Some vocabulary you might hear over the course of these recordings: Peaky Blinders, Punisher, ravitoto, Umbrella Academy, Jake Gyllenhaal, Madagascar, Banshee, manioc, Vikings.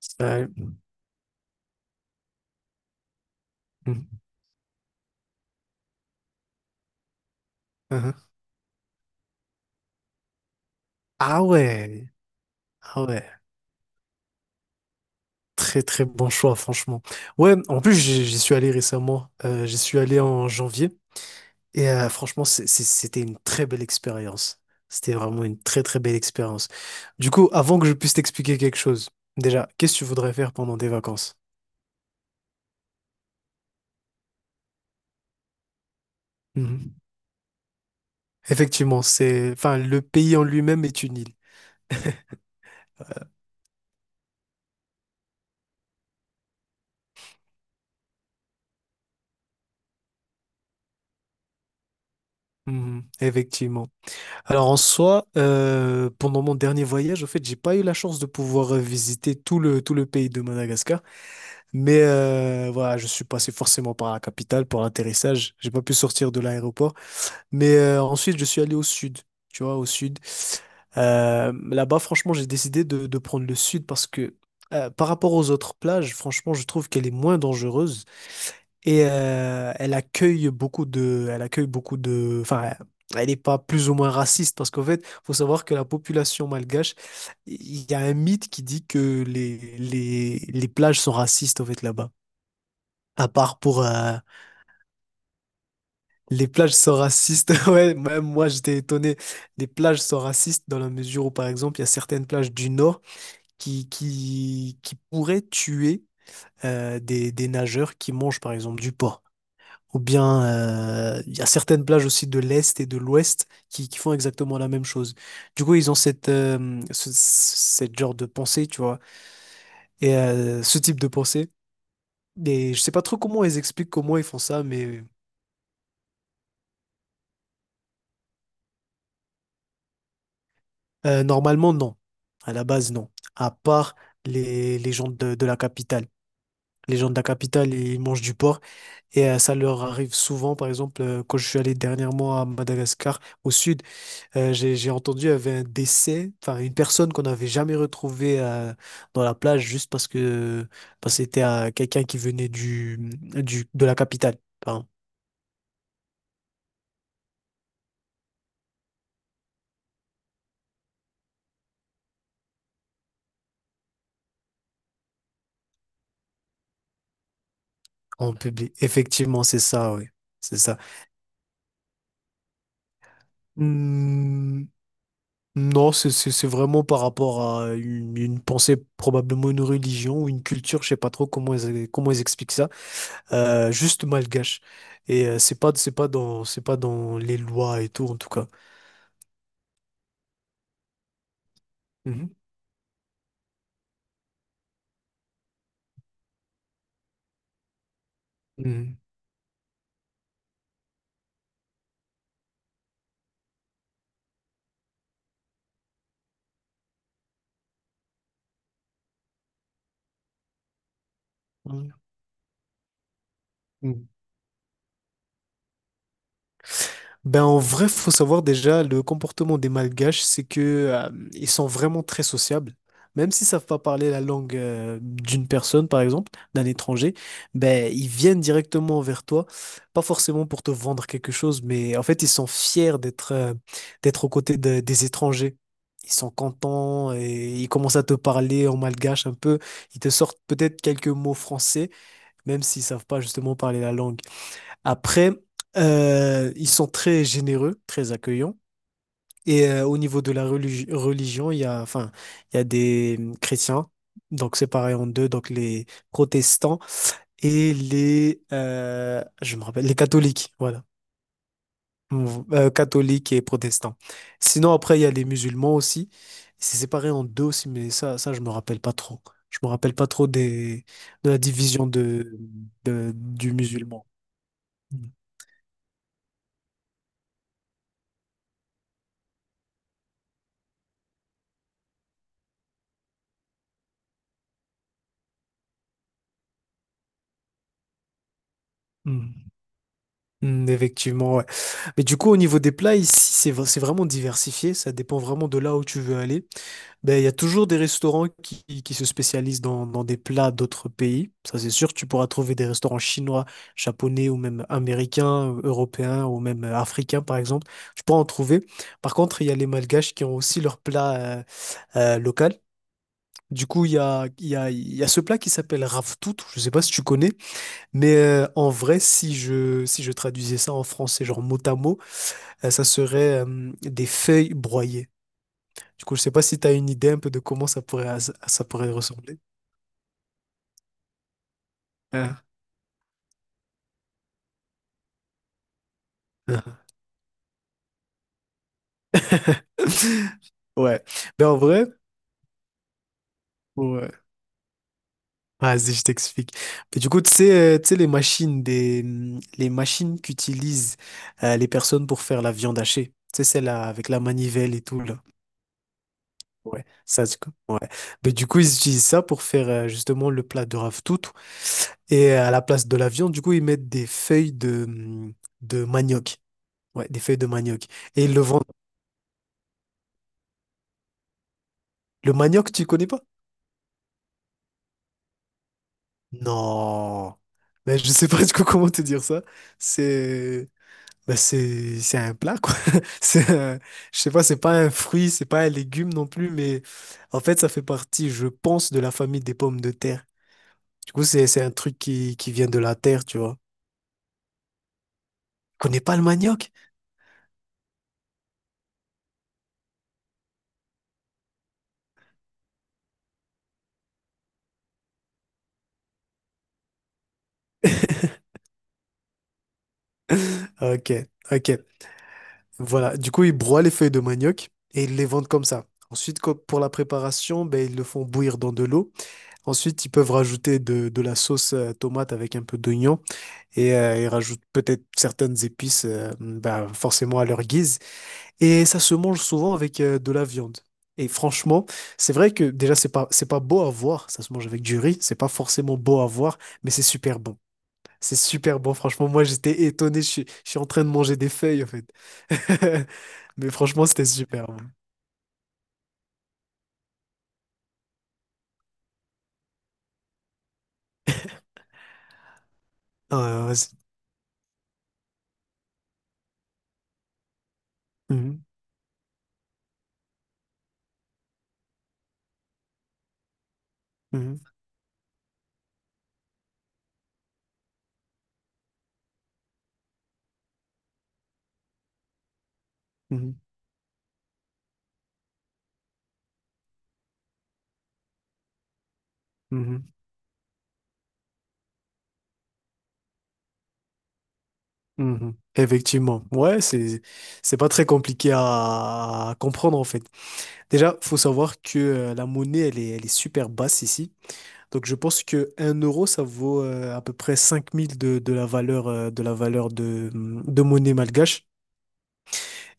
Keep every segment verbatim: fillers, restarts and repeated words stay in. Ça- Mhm. Mhm. Ah ouais, ah ouais, très très bon choix franchement. Ouais, en plus j'y j'y suis allé récemment. Euh, j'y suis allé en janvier et euh, franchement c'est- c'est- c'était une très belle expérience. C'était vraiment une très très belle expérience. Du coup, avant que je puisse t'expliquer quelque chose, déjà, qu'est-ce que tu voudrais faire pendant des vacances? Mhm. Effectivement, c'est, enfin, le pays en lui-même est une île. Mhm. Effectivement. Alors en soi, euh, pendant mon dernier voyage, en fait, j'ai pas eu la chance de pouvoir euh, visiter tout le, tout le pays de Madagascar. Mais euh, voilà, je suis passé forcément par la capitale pour l'atterrissage. J'ai pas pu sortir de l'aéroport. Mais euh, ensuite, je suis allé au sud, tu vois, au sud. Euh, là-bas, franchement, j'ai décidé de, de prendre le sud parce que euh, par rapport aux autres plages, franchement, je trouve qu'elle est moins dangereuse. Et euh, elle accueille beaucoup de, elle accueille beaucoup de, enfin, elle n'est pas plus ou moins raciste parce qu'en fait, faut savoir que la population malgache, il y a un mythe qui dit que les, les, les plages sont racistes en fait là-bas. À part pour euh, les plages sont racistes, ouais, même moi j'étais étonné. Les plages sont racistes dans la mesure où, par exemple, il y a certaines plages du nord qui, qui, qui pourraient tuer euh, des, des nageurs qui mangent, par exemple, du porc. Ou bien, euh, il y a certaines plages aussi de l'Est et de l'Ouest qui, qui font exactement la même chose. Du coup, ils ont cette, euh, ce, cette genre de pensée, tu vois, et euh, ce type de pensée. Et je sais pas trop comment ils expliquent comment ils font ça, mais euh, normalement, non. À la base, non. À part les, les gens de, de la capitale. Les gens de la capitale, ils mangent du porc et euh, ça leur arrive souvent. Par exemple, euh, quand je suis allé dernièrement à Madagascar, au sud. Euh, j'ai, j'ai entendu, il y avait un décès, enfin une personne qu'on n'avait jamais retrouvée euh, dans la plage juste parce que parce que c'était euh, quelqu'un qui venait du, du de la capitale. Enfin, en public. Effectivement, c'est ça, oui. C'est ça. Hmm, non, c'est c'est- c'est vraiment par rapport à une, une pensée, probablement une religion ou une culture, je sais pas trop comment ils, comment ils expliquent ça. Euh, juste malgache. Et euh, c'est pas, c'est pas dans, c'est pas dans les lois et tout, en tout cas. Mhm. Mhm. Mhm. Ben en vrai, faut savoir déjà le comportement des Malgaches, c'est que euh, ils sont vraiment très sociables. Même s'ils savent pas parler la langue euh, d'une personne, par exemple, d'un étranger, ben ils viennent directement vers toi, pas forcément pour te vendre quelque chose, mais en fait ils sont fiers d'être euh, d'être aux côtés de- des étrangers. Ils sont contents et ils commencent à te parler en malgache un peu. Ils te sortent peut-être quelques mots français, même s'ils savent pas justement parler la langue. Après, euh, ils sont très généreux, très accueillants. Et euh, au niveau de la religi- religion, il y a, enfin, il y a des euh, chrétiens, donc séparés en deux, donc les protestants et les, euh, je me rappelle, les catholiques, voilà. Mm, euh, Catholiques et protestants. Sinon, après, il y a les musulmans aussi. C'est séparé en deux aussi, mais ça, ça, je me rappelle pas trop. Je me rappelle pas trop des, de la division de, de- du musulman. Mm. Mm. Hmm, effectivement, ouais. Mais du coup, au niveau des plats, ici, c'est v- c'est vraiment diversifié. Ça dépend vraiment de là où tu veux aller. Ben, il y a toujours des restaurants qui, qui se spécialisent dans, dans des plats d'autres pays. Ça, c'est sûr, tu pourras trouver des restaurants chinois, japonais ou même américains, euh, européens ou même euh, africains, par exemple. Tu pourras en trouver. Par contre, il y a les malgaches qui ont aussi leur plat euh, euh, local. Du coup, il y a, il y a, il y a ce plat qui s'appelle raftout. Je ne sais pas si tu connais. Mais euh, en vrai, si je, si je traduisais ça en français, genre mot à mot, euh, ça serait euh, des feuilles broyées. Du coup, je sais pas si tu as une idée un peu de comment ça pourrait, ça pourrait ressembler. Ah. Ouais. Mais en vrai, ouais. Vas-y, je t'explique. Mais du coup, tu sais, euh, tu sais, les machines, des, les machines qu'utilisent euh, les personnes pour faire la viande hachée. Tu sais, celle-là avec la manivelle et tout, là. Ouais, ça, c'est cool. Ouais. Mais du coup, ils utilisent ça pour faire euh, justement le plat de ravitoto. Et à la place de la viande, du coup, ils mettent des feuilles de, hum, de manioc. Ouais, des feuilles de manioc. Et ils le vendent. Le manioc, tu connais pas? Non. Mais je sais pas du coup comment te dire ça. C'est bah, c'est c'est un plat quoi. C'est un- je sais pas, c'est pas un fruit, c'est pas un légume non plus, mais en fait, ça fait partie, je pense, de la famille des pommes de terre. Du coup, c'est c'est un truc qui qui vient de la terre, tu vois. Connais pas le manioc? Ok, ok. Voilà. Du coup, ils broient les feuilles de manioc et ils les vendent comme ça. Ensuite, co- pour la préparation, ben, ils le font bouillir dans de l'eau. Ensuite, ils peuvent rajouter de, de la sauce euh, tomate avec un peu d'oignon et euh, ils rajoutent peut-être certaines épices, euh, ben, forcément à leur guise. Et ça se mange souvent avec euh, de la viande. Et franchement, c'est vrai que déjà, c'est pas, c'est pas beau à voir. Ça se mange avec du riz. C'est pas forcément beau à voir, mais c'est super bon. C'est super bon, franchement. Moi, j'étais étonné. Je suis, je suis en train de manger des feuilles, en fait. Mais franchement, c'était super bon. Ah, ouais, ouais, c'est- Mhm, mhm, mhm, mhm, mhm. Effectivement. Ouais, c'est, c'est pas très compliqué à comprendre, en fait. Déjà, faut savoir que euh, la monnaie, elle est, elle est super basse ici. Donc, je pense que un euro, ça vaut euh, à peu près cinq mille de, de la valeur, euh, de la valeur de, de monnaie malgache.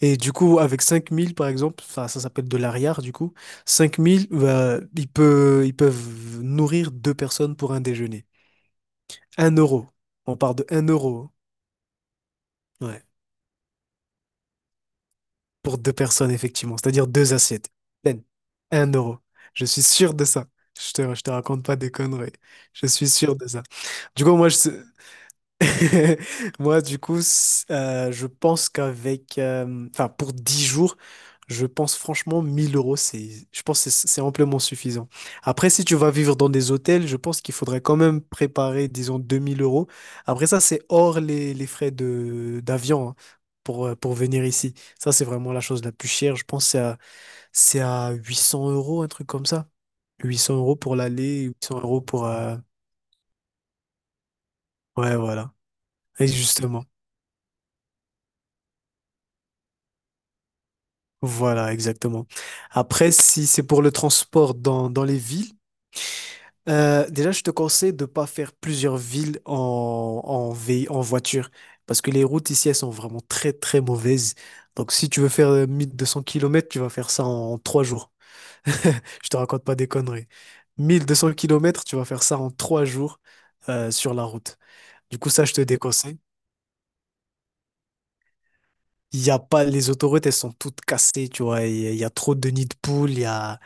Et du coup, avec cinq mille par exemple, enfin, ça s'appelle de l'arrière, du coup, cinq mille, bah, ils peuvent, ils peuvent nourrir deux personnes pour un déjeuner. Un euro. On part de un euro. Hein. Ouais. Pour deux personnes, effectivement. C'est-à-dire deux assiettes. Ben, un euro. Je suis sûr de ça. Je te, je te raconte pas des conneries. Je suis sûr de ça. Du coup, moi, je, Moi, du coup, c- euh, je pense qu'avec, euh, enfin, pour dix jours, je pense franchement mille euros, c'est, je pense que c'est c'est amplement suffisant. Après, si tu vas vivre dans des hôtels, je pense qu'il faudrait quand même préparer, disons, deux mille euros. Après, ça, c'est hors les, les frais de, d'avion, hein, pour, euh, pour venir ici. Ça, c'est vraiment la chose la plus chère. Je pense que c'est à, c'est à huit cents euros, un truc comme ça. Huit cents euros pour l'aller, huit cents euros pour, euh, ouais, voilà. Et justement. Voilà, exactement. Après, si c'est pour le transport dans, dans les villes, euh, déjà, je te conseille de ne pas faire plusieurs villes en, en, vé- en voiture, parce que les routes ici, elles sont vraiment très, très mauvaises. Donc, si tu veux faire euh, mille deux cents kilomètres tu vas faire ça en trois jours. Je te raconte pas des conneries. Mille deux cents kilomètres tu vas faire ça en trois jours euh, sur la route. Du coup, ça, je te déconseille. Il y a pas, les autoroutes, elles sont toutes cassées, tu vois. Il y, a il y a trop de nids de poules, il y a...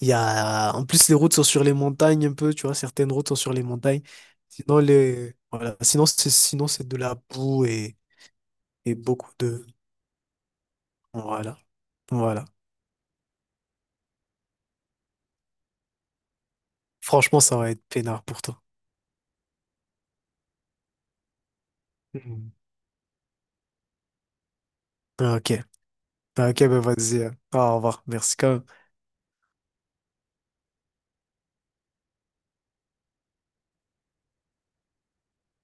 Il y a... En plus, les routes sont sur les montagnes un peu, tu vois, certaines routes sont sur les montagnes. Sinon, les... voilà. Sinon, c'est sinon, c'est de la boue et... et beaucoup de... Voilà. Voilà. Franchement, ça va être peinard pour toi. Mhm. Ah, ok. Ah, ok, ben vas-y. Hein. Au revoir. Merci quand même.